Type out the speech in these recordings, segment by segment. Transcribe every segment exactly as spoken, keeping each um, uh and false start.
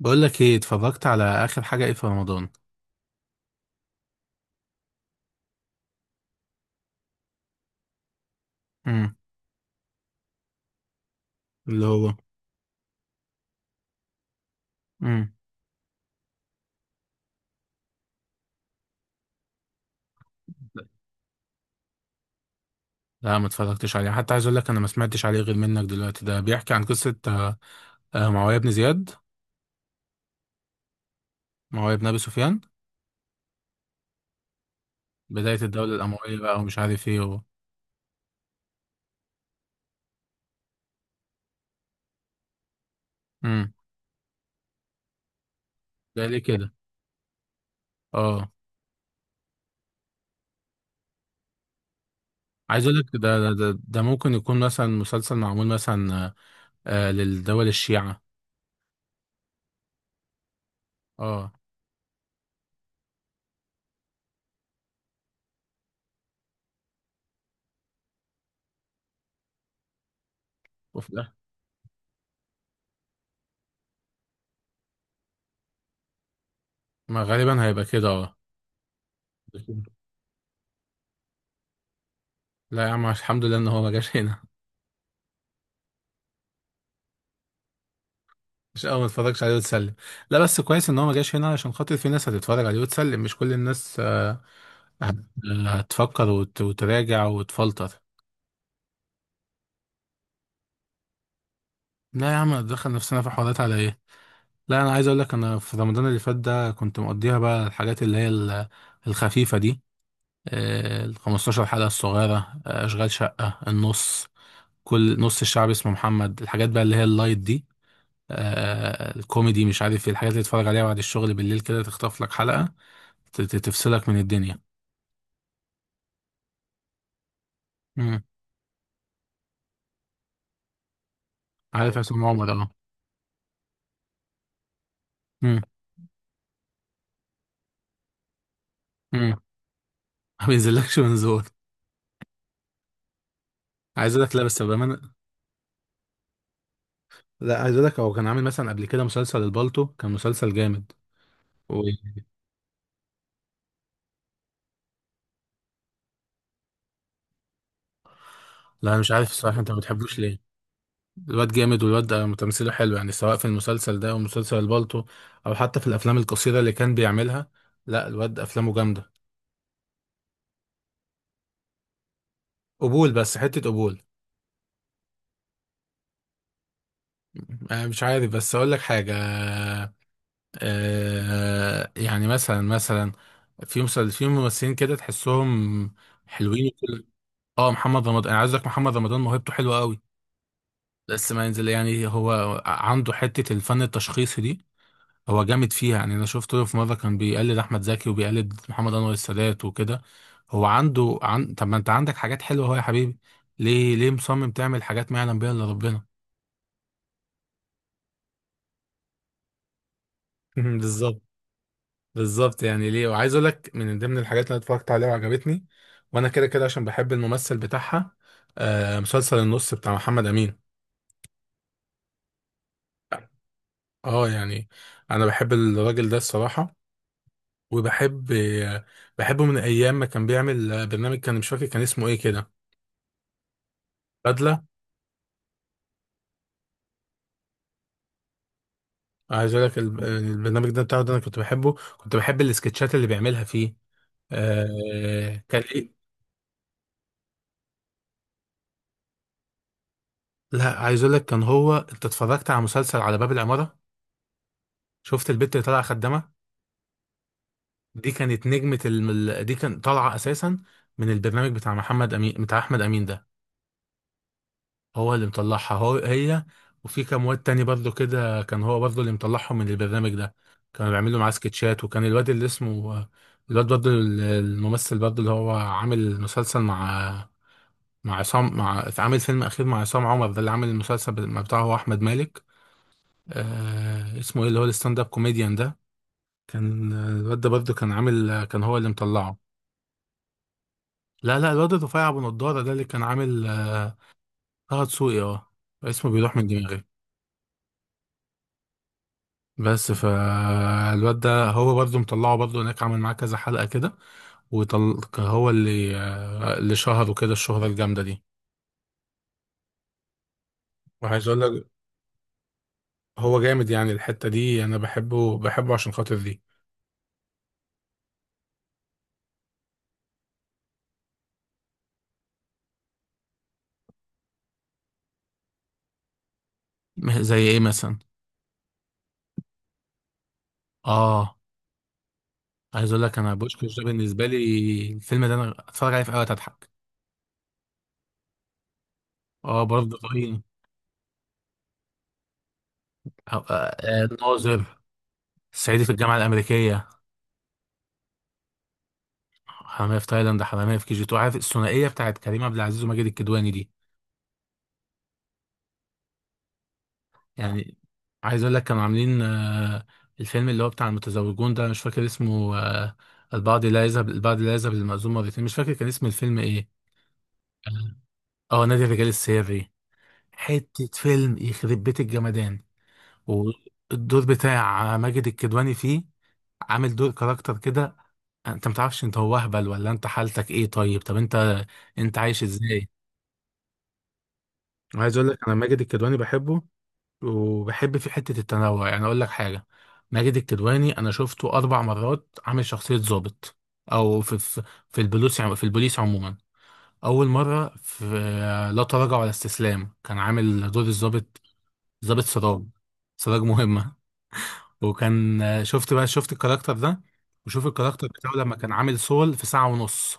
بقول لك ايه اتفرجت على اخر حاجه ايه في رمضان؟ امم. اللي هو؟ امم. لا ما اتفرجتش عليه، حتى عايز اقول لك انا ما سمعتش عليه غير منك دلوقتي. ده بيحكي عن قصه آه، آه، معاويه بن زياد، معاويه بن ابي سفيان. بدايه الدوله الامويه بقى ومش عارف ايه و... امم. ده ليه كده؟ اه. عايز اقول لك ده ده ده, ده ممكن يكون مثلا مسلسل معمول مثلا آه، آه، للدول الشيعه. اه. وفي الاخر ما غالبا هيبقى كده، اه. لا يا عم الحمد لله ان هو ما جاش هنا. مش اه، ما اتفرجش عليه وتسلم. لا بس كويس ان هو ما جاش هنا، عشان خاطر في ناس هتتفرج عليه وتسلم، مش كل الناس آه، هت- هتفكر وت- وتراجع وتفلتر. لا يا عم دخل نفسنا في حوارات على ايه. لا انا عايز اقول لك، انا في رمضان اللي فات ده كنت مقضيها بقى الحاجات اللي هي ال- الخفيفة دي، آه، ال 15 حلقة الصغيرة، آه، اشغال شقة، النص، كل نص الشعب اسمه محمد، الحاجات بقى اللي هي اللايت دي، آه، الكوميدي، مش عارف ايه، الحاجات اللي تتفرج عليها بعد الشغل بالليل كده، تخطف لك حلقة ت- ت- تفصلك من الدنيا. امم. عارف عصام عمر، اه. امم. امم. ما بينزلكش منظور. عايز اقول لك، لا بس بامانه. لا عايز اقول لك هو كان عامل مثلا قبل كده مسلسل البالتو، كان مسلسل جامد و... لا انا مش عارف الصراحه، انت ما بتحبوش ليه؟ الواد جامد، والواد ده تمثيله حلو يعني، سواء في المسلسل ده او مسلسل البالتو، او حتى في الافلام القصيره اللي كان بيعملها. لا الواد افلامه جامده. قبول، بس حته قبول. أنا مش عارف، بس اقول لك حاجه، آه يعني مثلا مثلا، في مسل في ممثلين كده تحسهم حلوين وكل. اه محمد رمضان، انا عايز اقول لك محمد رمضان موهبته حلوه قوي، بس ما ينزل يعني. هو عنده حته الفن التشخيصي دي، هو جامد فيها يعني. انا شفت له في مره كان بيقلد احمد زكي وبيقلد محمد انور السادات وكده. هو عنده عن... طب ما انت عندك حاجات حلوه اهو يا حبيبي، ليه ليه مصمم تعمل حاجات ما يعلم بيها الا ربنا؟ بالظبط. بالظبط. يعني ليه؟ وعايز اقول لك، من ضمن الحاجات اللي أنا اتفرجت عليها وعجبتني، وانا كده كده عشان بحب الممثل بتاعها، آه مسلسل النص بتاع محمد امين. اه يعني انا بحب الراجل ده الصراحه، وبحب آه بحبه من ايام ما كان بيعمل آه، برنامج، كان مش فاكر كان اسمه ايه كده، بدله. عايز اقول لك الب- البرنامج ده بتاعه ده، انا كنت بحبه، كنت بحب السكتشات اللي بيعملها فيه. آه كان ايه؟ لا عايز اقول لك، كان هو، انت اتفرجت على مسلسل على باب العماره؟ شفت البت اللي طالعه خدامه؟ دي كانت نجمة الم... دي كان طالعة أساسا من البرنامج بتاع محمد أمين، بتاع أحمد أمين ده. هو اللي مطلعها، هو هي. وفي كام واد تاني برضه كده كان هو برضه اللي مطلعهم من البرنامج ده. كانوا بيعملوا معاه سكتشات، وكان الواد اللي اسمه، الواد برضه ال- الممثل برضه، اللي هو عامل مسلسل مع، مع عصام مع عامل فيلم أخير مع عصام عمر ده اللي عامل المسلسل بتاعه، هو أحمد مالك. آه... اسمه إيه اللي هو الستاند أب كوميديان ده؟ كان الواد ده برضه كان عامل كان هو اللي مطلعه. لا لا، الواد رفيع ابو نضاره ده، اللي كان عامل آه، طه دسوقي، اه. اسمه بيروح من دماغي. بس فالواد ده هو برضه مطلعه برضه، هناك عامل معاه كذا حلقة كده، وطل... هو اللي آه، اللي شهره كده الشهرة الجامدة دي. وعايز اقول لك، هو جامد يعني، الحتة دي انا بحبه بحبه عشان خاطر دي. م- زي ايه مثلا؟ اه عايز اقول لك، انا بوشكش ده بالنسبة لي الفيلم ده، انا اتفرج عليه في اوقات اضحك. اه برضه رهيب. آه، آه، الناظر، صعيدي في الجامعة الأمريكية، حمامية في تايلاند، حمامية في كي جي اتنين. عارف الثنائية بتاعت كريم عبد العزيز وماجد الكدواني دي؟ يعني عايز اقول لك، كانوا عاملين آه، الفيلم اللي هو بتاع المتزوجون ده، مش فاكر اسمه آه، البعض لا يذهب البعض لا يذهب للمأذون مرتين، مش فاكر كان اسم الفيلم ايه. اه نادي الرجال السري. حتة فيلم يخرب بيت الجمدان. والدور بتاع ماجد الكدواني فيه، عامل دور كاركتر كده، انت متعرفش انت هو اهبل ولا انت حالتك ايه. طيب طب انت انت عايش ازاي؟ عايز اقول لك، انا ماجد الكدواني بحبه، وبحب في حتة التنوع يعني. أقول لك حاجة، ماجد الكدواني أنا شفته أربع مرات عامل شخصية ضابط، أو في في في البوليس عم- في البوليس عموما. أول مرة في لا تراجع ولا استسلام، كان عامل دور الضابط ضابط سراج، سراج مهمة، وكان شفت بقى شفت الكاركتر ده. وشوف الكاركتر بتاعه لما كان عامل سول في ساعة ونص،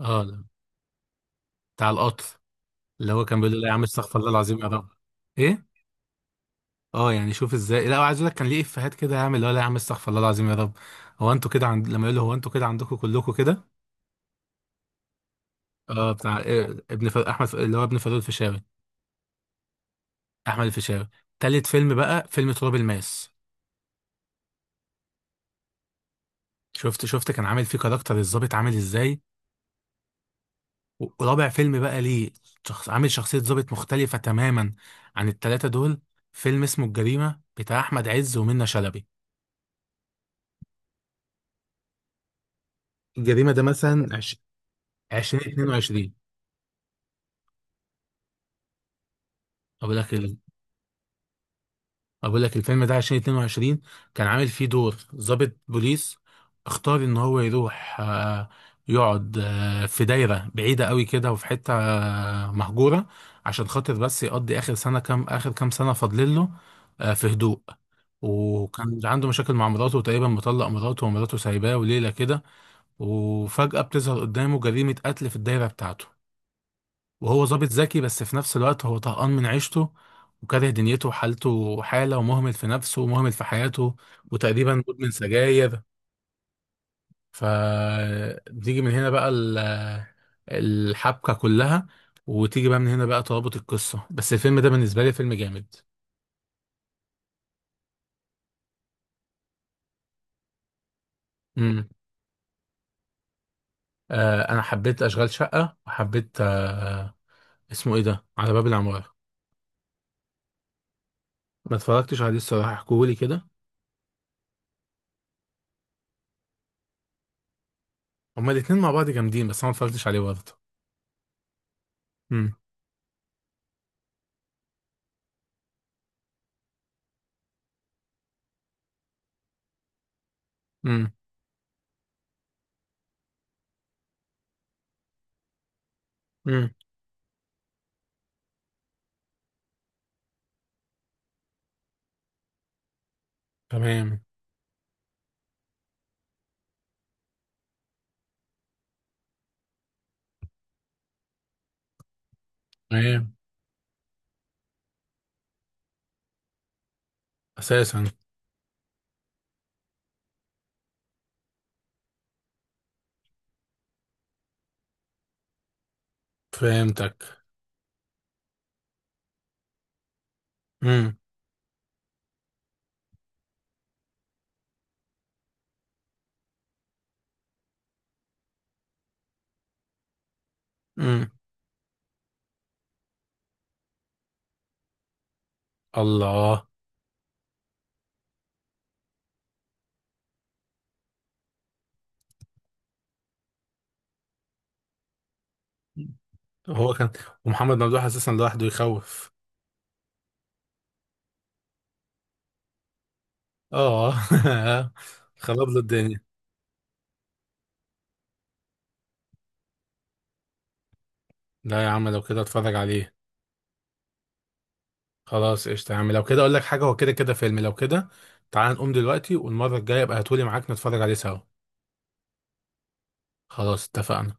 اه، بتاع القطر، اللي هو كان بيقول له لا يا عم استغفر الله العظيم يا رب. ايه؟ اه يعني شوف ازاي. لا وعايز اقول لك، كان ليه افيهات كده يا عم، اللي هو لا يا عم استغفر الله العظيم يا رب، هو انتوا كده عند لما يقول له هو انتوا كده عندكم كلكم كده. اه، بتاع إيه، ابن ف... احمد ف- اللي هو ابن فاروق الفيشاوي، احمد الفيشاوي. تالت فيلم بقى فيلم تراب الماس. شفت شفت كان عامل فيه كاركتر الظابط عامل ازاي. و- ورابع فيلم بقى ليه، شخص عامل شخصية ظابط مختلفة تماما عن التلاتة دول. فيلم اسمه الجريمة بتاع احمد عز ومنة شلبي. الجريمة ده مثلا عش... ألفين واتنين وعشرين. اقول لك اقول لك، الفيلم ده ألفين واتنين وعشرين، كان عامل فيه دور ضابط بوليس، اختار ان هو يروح آه، يقعد آه، في دايرة بعيدة قوي كده، وفي حتة آه، مهجورة، عشان خاطر بس يقضي اخر سنة كام اخر كام سنة فاضلين له، آه، في هدوء. وكان عنده مشاكل مع مراته، وتقريبا مطلق مراته، ومراته سايباه وليلة كده، وفجأة بتظهر قدامه جريمة قتل في الدايرة بتاعته. وهو ظابط ذكي، بس في نفس الوقت هو طهقان من عيشته، وكاره دنيته، وحالته حالة، ومهمل في نفسه، ومهمل في حياته، وتقريبا مدمن سجاير. فتيجي من هنا بقى ال- الحبكة كلها، وتيجي بقى من هنا بقى ترابط القصة. بس الفيلم ده بالنسبة لي فيلم جامد. امم. آه أنا حبيت أشغال شقة، وحبيت آه اسمه إيه ده، على باب العمارة. ما اتفرجتش عليه الصراحة، احكولي كده. هما الاتنين مع بعض جامدين، بس أنا ما اتفرجتش عليه برضه. امم. امم. امم. تمام. تمام. اساسا. فهمتك. امم. امم. الله. هو كان. ومحمد ممدوح اساسا لوحده يخوف. اه. خرب له الدنيا. لا يا عم لو كده اتفرج عليه. خلاص قشطة يا عم، لو كده اقول لك حاجه، هو كده كده فيلم، لو كده تعال نقوم دلوقتي، والمره الجايه ابقى هاتولي معاك نتفرج عليه سوا. خلاص اتفقنا.